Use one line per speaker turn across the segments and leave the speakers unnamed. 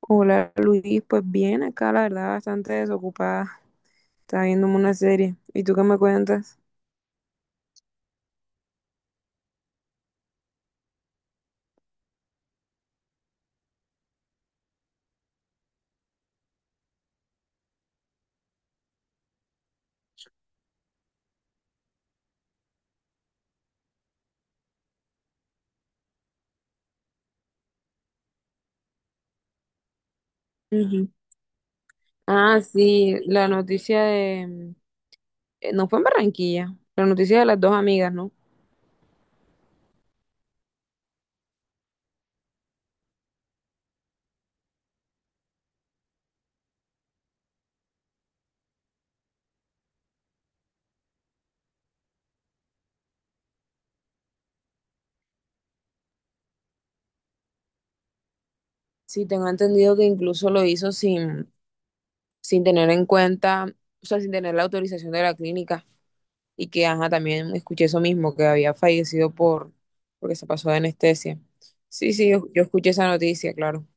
Hola Luis, pues bien, acá la verdad bastante desocupada, estaba viéndome una serie. ¿Y tú qué me cuentas? Ujú. Ah, sí, la noticia de. No fue en Barranquilla, la noticia de las dos amigas, ¿no? Sí, tengo entendido que incluso lo hizo sin tener en cuenta, o sea, sin tener la autorización de la clínica y que, ajá, también escuché eso mismo, que había fallecido porque se pasó de anestesia. Sí, sí, yo escuché esa noticia, claro.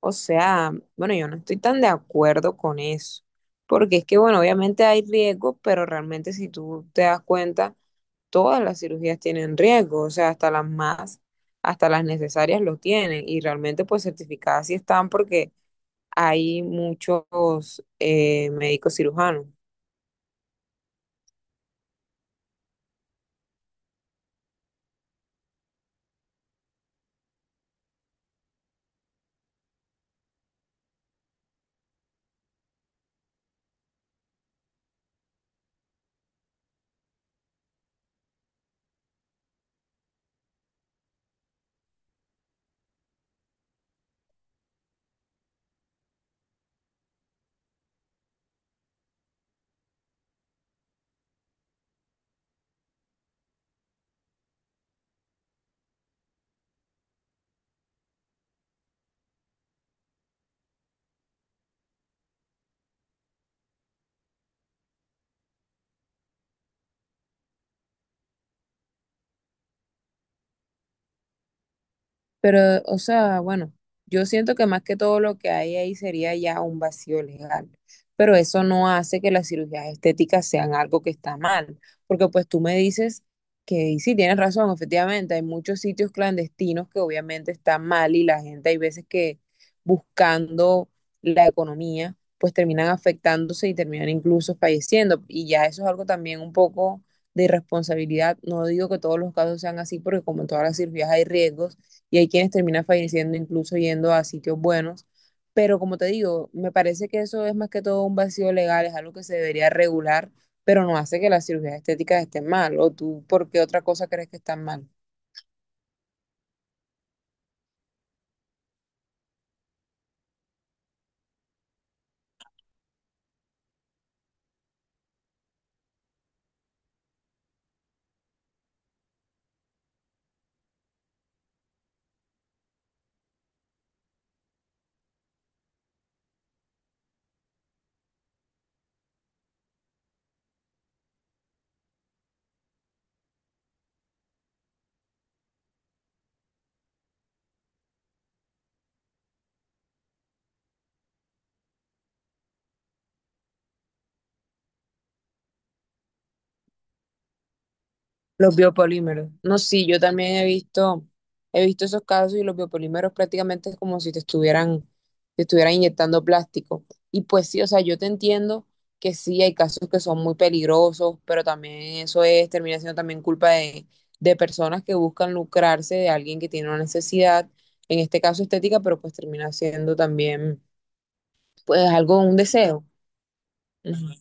O sea, bueno, yo no estoy tan de acuerdo con eso, porque es que, bueno, obviamente hay riesgos, pero realmente si tú te das cuenta, todas las cirugías tienen riesgo, o sea, hasta las más, hasta las necesarias lo tienen, y realmente pues certificadas sí están porque hay muchos médicos cirujanos. Pero, o sea, bueno, yo siento que más que todo lo que hay ahí sería ya un vacío legal, pero eso no hace que las cirugías estéticas sean algo que está mal, porque pues tú me dices que y sí, tienes razón, efectivamente, hay muchos sitios clandestinos que obviamente están mal y la gente hay veces que buscando la economía, pues terminan afectándose y terminan incluso falleciendo, y ya eso es algo también un poco de irresponsabilidad, no digo que todos los casos sean así, porque como en todas las cirugías hay riesgos, y hay quienes terminan falleciendo incluso yendo a sitios buenos. Pero como te digo, me parece que eso es más que todo un vacío legal, es algo que se debería regular, pero no hace que las cirugías estéticas estén mal. ¿O tú por qué otra cosa crees que están mal? Los biopolímeros. No, sí, yo también he visto esos casos y los biopolímeros prácticamente es como si te estuvieran, te estuvieran inyectando plástico. Y pues sí, o sea, yo te entiendo que sí, hay casos que son muy peligrosos, pero también eso es, termina siendo también culpa de personas que buscan lucrarse de alguien que tiene una necesidad, en este caso estética, pero pues termina siendo también, pues algo, un deseo. Ujú.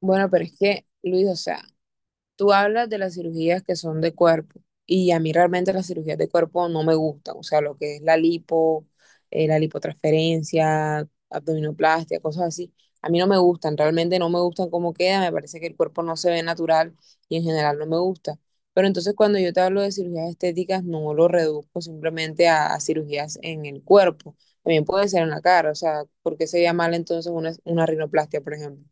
Bueno, pero es que, Luis, o sea. Tú hablas de las cirugías que son de cuerpo y a mí realmente las cirugías de cuerpo no me gustan, o sea, lo que es la lipo, la lipotransferencia, abdominoplastia, cosas así. A mí no me gustan, realmente no me gustan cómo queda, me parece que el cuerpo no se ve natural y en general no me gusta. Pero entonces cuando yo te hablo de cirugías estéticas, no lo reduzco simplemente a cirugías en el cuerpo, también puede ser en la cara, o sea, ¿por qué sería mal entonces una rinoplastia, por ejemplo?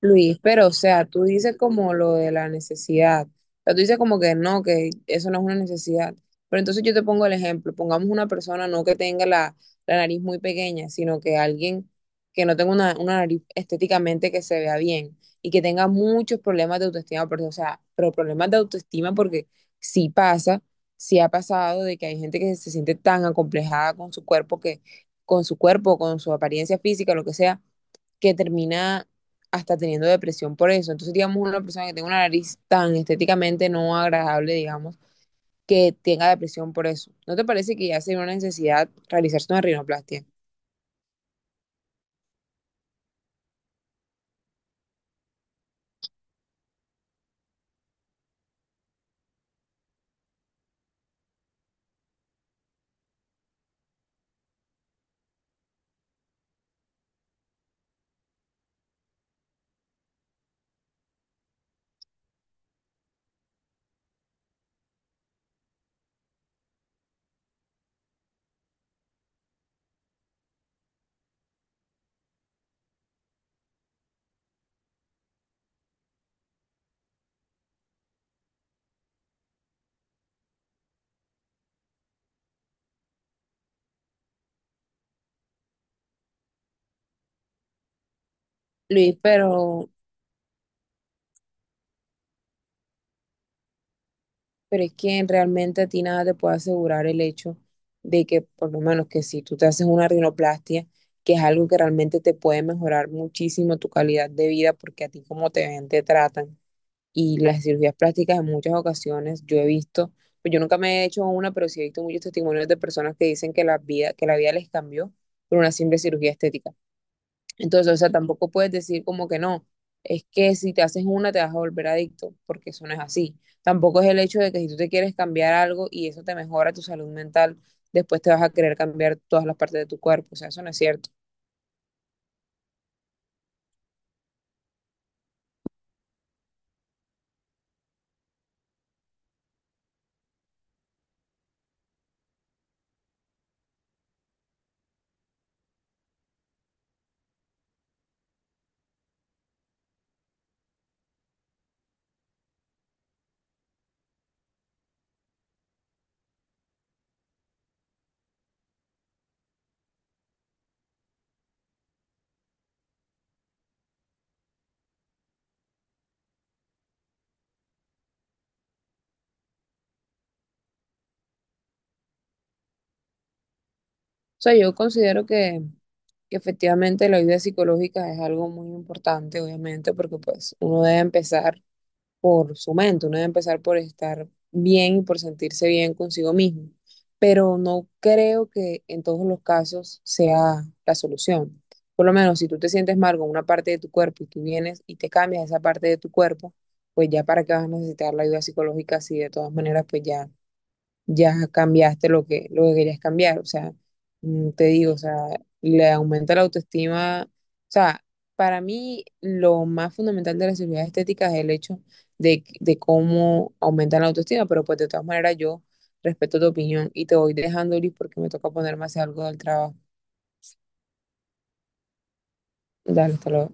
Luis, pero o sea, tú dices como lo de la necesidad. O sea, tú dices como que no, que eso no es una necesidad. Pero entonces yo te pongo el ejemplo. Pongamos una persona no que tenga la, la nariz muy pequeña, sino que alguien que no tenga una nariz estéticamente que se vea bien y que tenga muchos problemas de autoestima. Porque, o sea, pero problemas de autoestima porque sí pasa, sí ha pasado de que hay gente que se siente tan acomplejada con su cuerpo que, con su cuerpo, con su apariencia física, lo que sea que termina hasta teniendo depresión por eso. Entonces, digamos, una persona que tenga una nariz tan estéticamente no agradable, digamos, que tenga depresión por eso. ¿No te parece que ya sería una necesidad realizarse una rinoplastia? Luis, pero es que realmente a ti nada te puede asegurar el hecho de que, por lo menos, que si tú te haces una rinoplastia, que es algo que realmente te puede mejorar muchísimo tu calidad de vida, porque a ti como te ven, te tratan y las cirugías plásticas en muchas ocasiones yo he visto, pues yo nunca me he hecho una, pero sí he visto muchos testimonios de personas que dicen que la vida les cambió por una simple cirugía estética. Entonces, o sea, tampoco puedes decir como que no, es que si te haces una te vas a volver adicto, porque eso no es así. Tampoco es el hecho de que si tú te quieres cambiar algo y eso te mejora tu salud mental, después te vas a querer cambiar todas las partes de tu cuerpo, o sea, eso no es cierto. Sea, yo considero que efectivamente la ayuda psicológica es algo muy importante, obviamente, porque pues uno debe empezar por su mente, uno debe empezar por estar bien y por sentirse bien consigo mismo, pero no creo que en todos los casos sea la solución. Por lo menos si tú te sientes mal con una parte de tu cuerpo y tú vienes y te cambias esa parte de tu cuerpo, pues ya para qué vas a necesitar la ayuda psicológica si de todas maneras pues ya ya cambiaste lo que querías cambiar. O sea, te digo, o sea, le aumenta la autoestima. O sea, para mí lo más fundamental de la cirugía estética es el hecho de, de cómo aumenta la autoestima, pero pues de todas maneras yo respeto tu opinión y te voy dejando, Liz, porque me toca ponerme a hacer algo del trabajo. Dale, hasta luego.